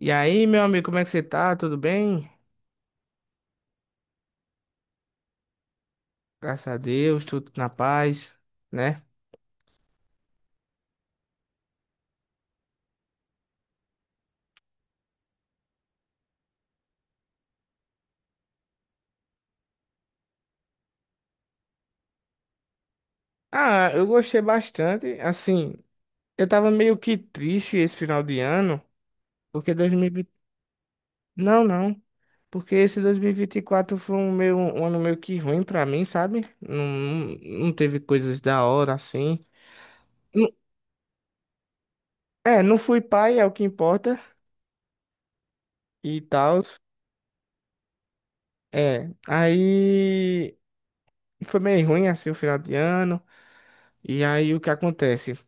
E aí, meu amigo, como é que você tá? Tudo bem? Graças a Deus, tudo na paz, né? Ah, eu gostei bastante. Assim, eu tava meio que triste esse final de ano, porque 2020... Não, não. Porque esse 2024 foi um ano meio que ruim pra mim, sabe? Não não, teve coisas da hora, assim. Não- É, não fui pai, é o que importa, e tal. É, aí foi meio ruim, assim, o final de ano. E aí, o que acontece?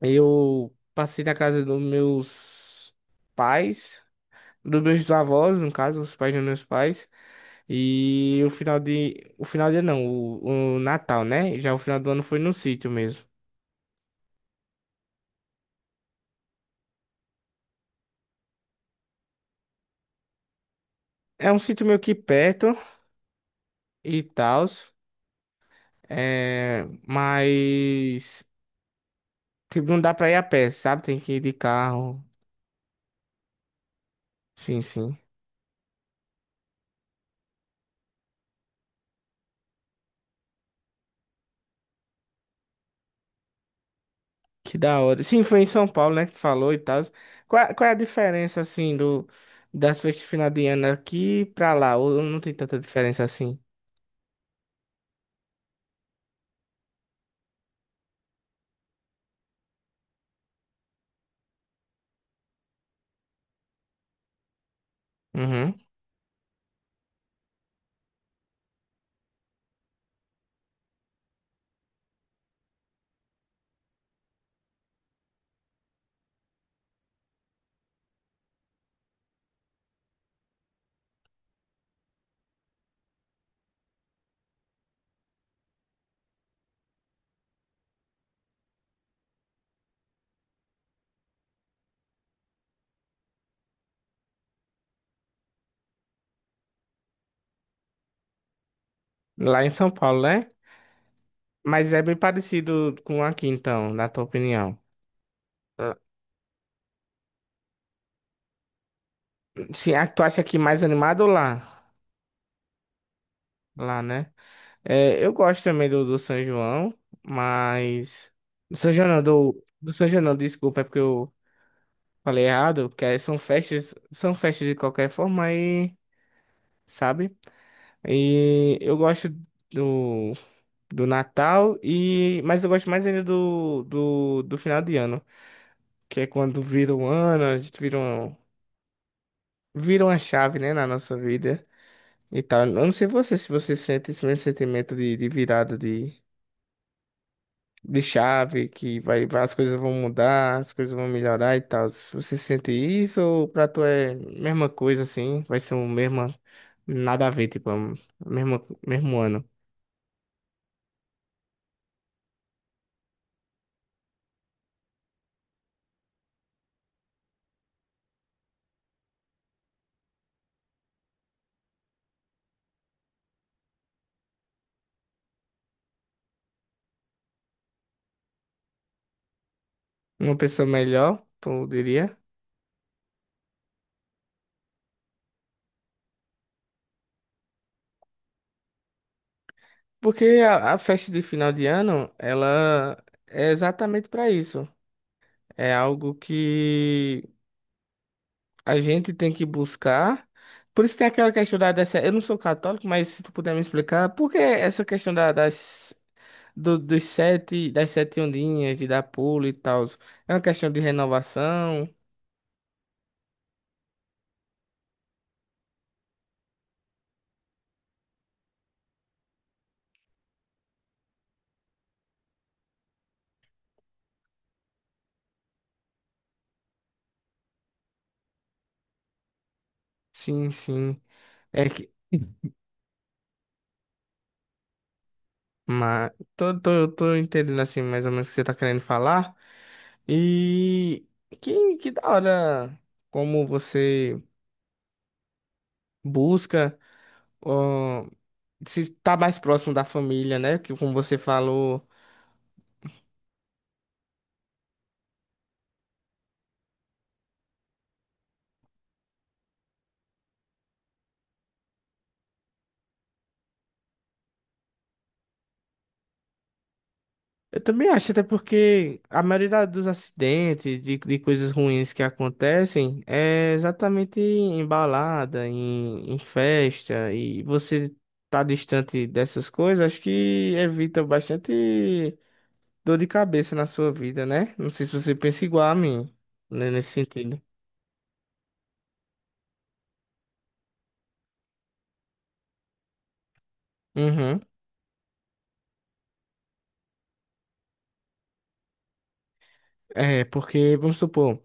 Eu passei na casa dos meus pais, dos meus avós, no caso, os pais dos meus pais. O final de não, o Natal, né? Já o final do ano foi no sítio mesmo. É um sítio meio que perto e tal. É, mas. Tipo, não dá pra ir a pé, sabe? Tem que ir de carro. Sim, sim. Que da hora. Sim, foi em São Paulo, né, que tu falou e tal. Qual é a diferença, assim, das festas de final de ano aqui pra lá? Ou não tem tanta diferença assim? Uhum. Lá em São Paulo, né? Mas é bem parecido com aqui, então, na tua opinião. Ah, sim, ah, tu acha aqui mais animado ou lá? Lá, né? É, eu gosto também do São João, mas... Do São João não, do São João não, desculpa, é porque eu falei errado, porque são festas de qualquer forma aí, sabe? E eu gosto do, do Natal e mas eu gosto mais ainda do final de ano, que é quando vira um ano, a gente vira, um, vira uma chave, né, na nossa vida e tal. Eu não sei você se você sente esse mesmo sentimento de virada de chave, que as coisas vão mudar, as coisas vão melhorar e tal. Se você sente isso ou pra tu é mesma coisa assim, vai ser o mesmo nada a ver, tipo, a mesma mesmo ano. Uma pessoa melhor, tu diria? Porque a festa de final de ano, ela é exatamente para isso. É algo que a gente tem que buscar. Por isso tem aquela questão da dessa, eu não sou católico, mas se tu puder me explicar, por que essa questão da- das do- dos sete, das sete ondinhas de dar pulo e tal? É uma questão de renovação? Sim, sim. É que mas tô entendendo assim mais ou menos o que você tá querendo falar. E que da hora como você busca ó, se tá mais próximo da família, né? Que como você falou, eu também acho, até porque a maioria da- dos acidentes, de coisas ruins que acontecem, é exatamente em balada, em festa, e você tá distante dessas coisas, acho que evita bastante dor de cabeça na sua vida, né? Não sei se você pensa igual a mim, né, nesse sentido. Uhum. É, porque, vamos supor.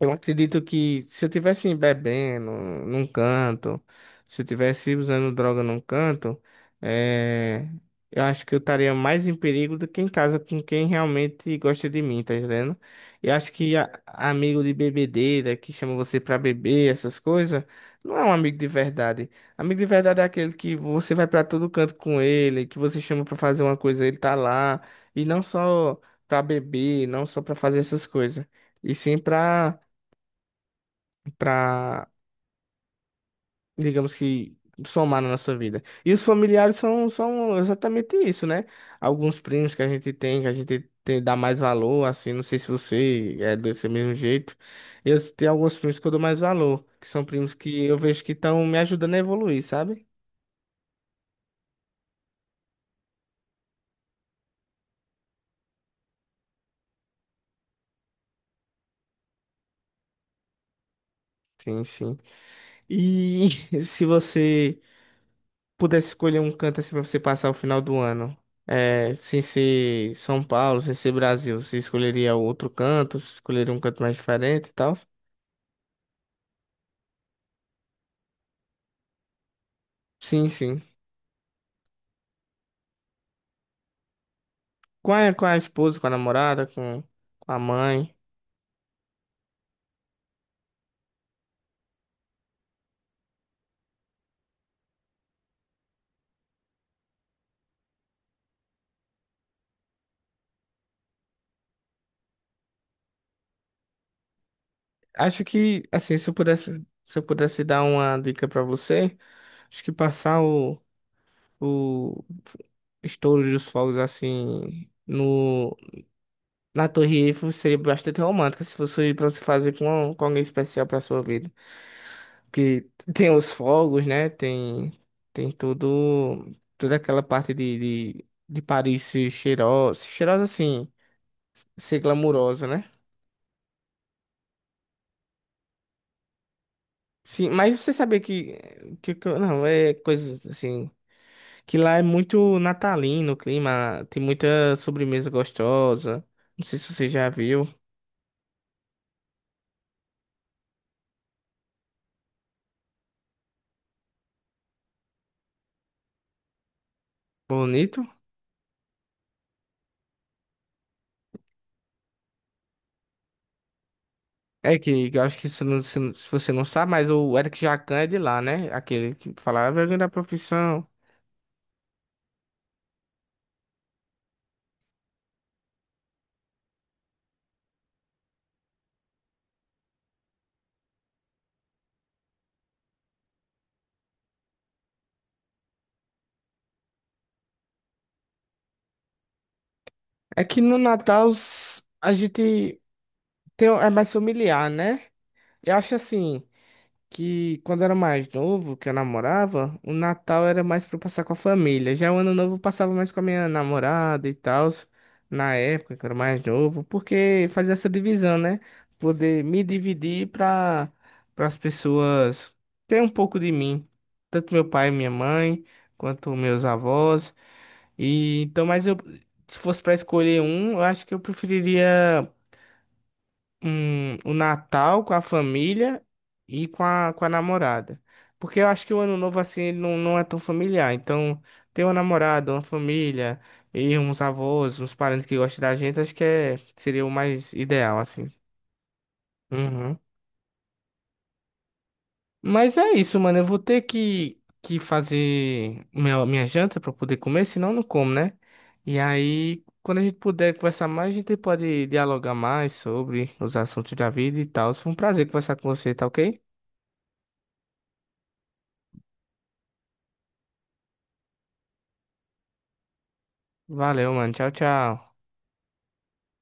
Eu acredito que se eu tivesse bebendo num canto, se eu tivesse usando droga num canto, eh, eu acho que eu estaria mais em perigo do que em casa com quem realmente gosta de mim, tá entendendo? Eu acho que a- amigo de bebedeira que chama você pra beber, essas coisas, não é um amigo de verdade. Amigo de verdade é aquele que você vai pra todo canto com ele, que você chama pra fazer uma coisa, ele tá lá, e não só pra beber, não só pra fazer essas coisas, e sim pra para, digamos que, somar na nossa vida. E os familiares são exatamente isso, né? Alguns primos que a gente tem, que a gente tem, dá mais valor, assim, não sei se você é desse mesmo jeito. Eu tenho alguns primos que eu dou mais valor, que são primos que eu vejo que estão me ajudando a evoluir, sabe? Sim, sim. E se você pudesse escolher um canto assim para você passar o final do ano, é, sem ser São Paulo, sem ser Brasil, você escolheria outro canto, escolheria um canto mais diferente e tal? Sim, sim. Com com a esposa, com a namorada, com a mãe. Acho que, assim, se eu pudesse, se eu pudesse dar uma dica pra você, acho que passar o estouro dos fogos, assim, no, na Torre Eiffel seria bastante romântico se fosse pra você fazer com alguém especial pra sua vida. Porque tem os fogos, né? Tem, tem tudo, toda aquela parte de Paris ser cheirosa, cheirosa assim, ser glamurosa, né? Sim, mas você sabia não, é coisa assim, que lá é muito natalino o clima, tem muita sobremesa gostosa. Não sei se você já viu. Bonito. É que eu acho que se, não- se você não sabe, mas o Eric Jacan é de lá, né? Aquele que falava vergonha da profissão. É que no Natal os- a gente tem, é mais familiar, né? Eu acho assim. Que quando eu era mais novo, que eu namorava, o Natal era mais pra eu passar com a família. Já o Ano Novo eu passava mais com a minha namorada e tal, na época que eu era mais novo, porque fazia essa divisão, né? Poder me dividir pra, para as pessoas ter um pouco de mim, tanto meu pai e minha mãe, quanto meus avós. E então, mas eu se fosse pra escolher um, eu acho que eu preferiria um, o Natal com a família e com a namorada. Porque eu acho que o Ano Novo, assim, ele não, não é tão familiar. Então, ter uma namorada, uma família e uns avós, uns parentes que gostam da gente, acho que é, seria o mais ideal, assim. Uhum. Mas é isso, mano. Eu vou ter que fazer minha, minha janta pra poder comer, senão eu não como, né? E aí, quando a gente puder conversar mais, a gente pode dialogar mais sobre os assuntos da vida e tal. Foi um prazer conversar com você, tá ok? Valeu, mano. Tchau, tchau.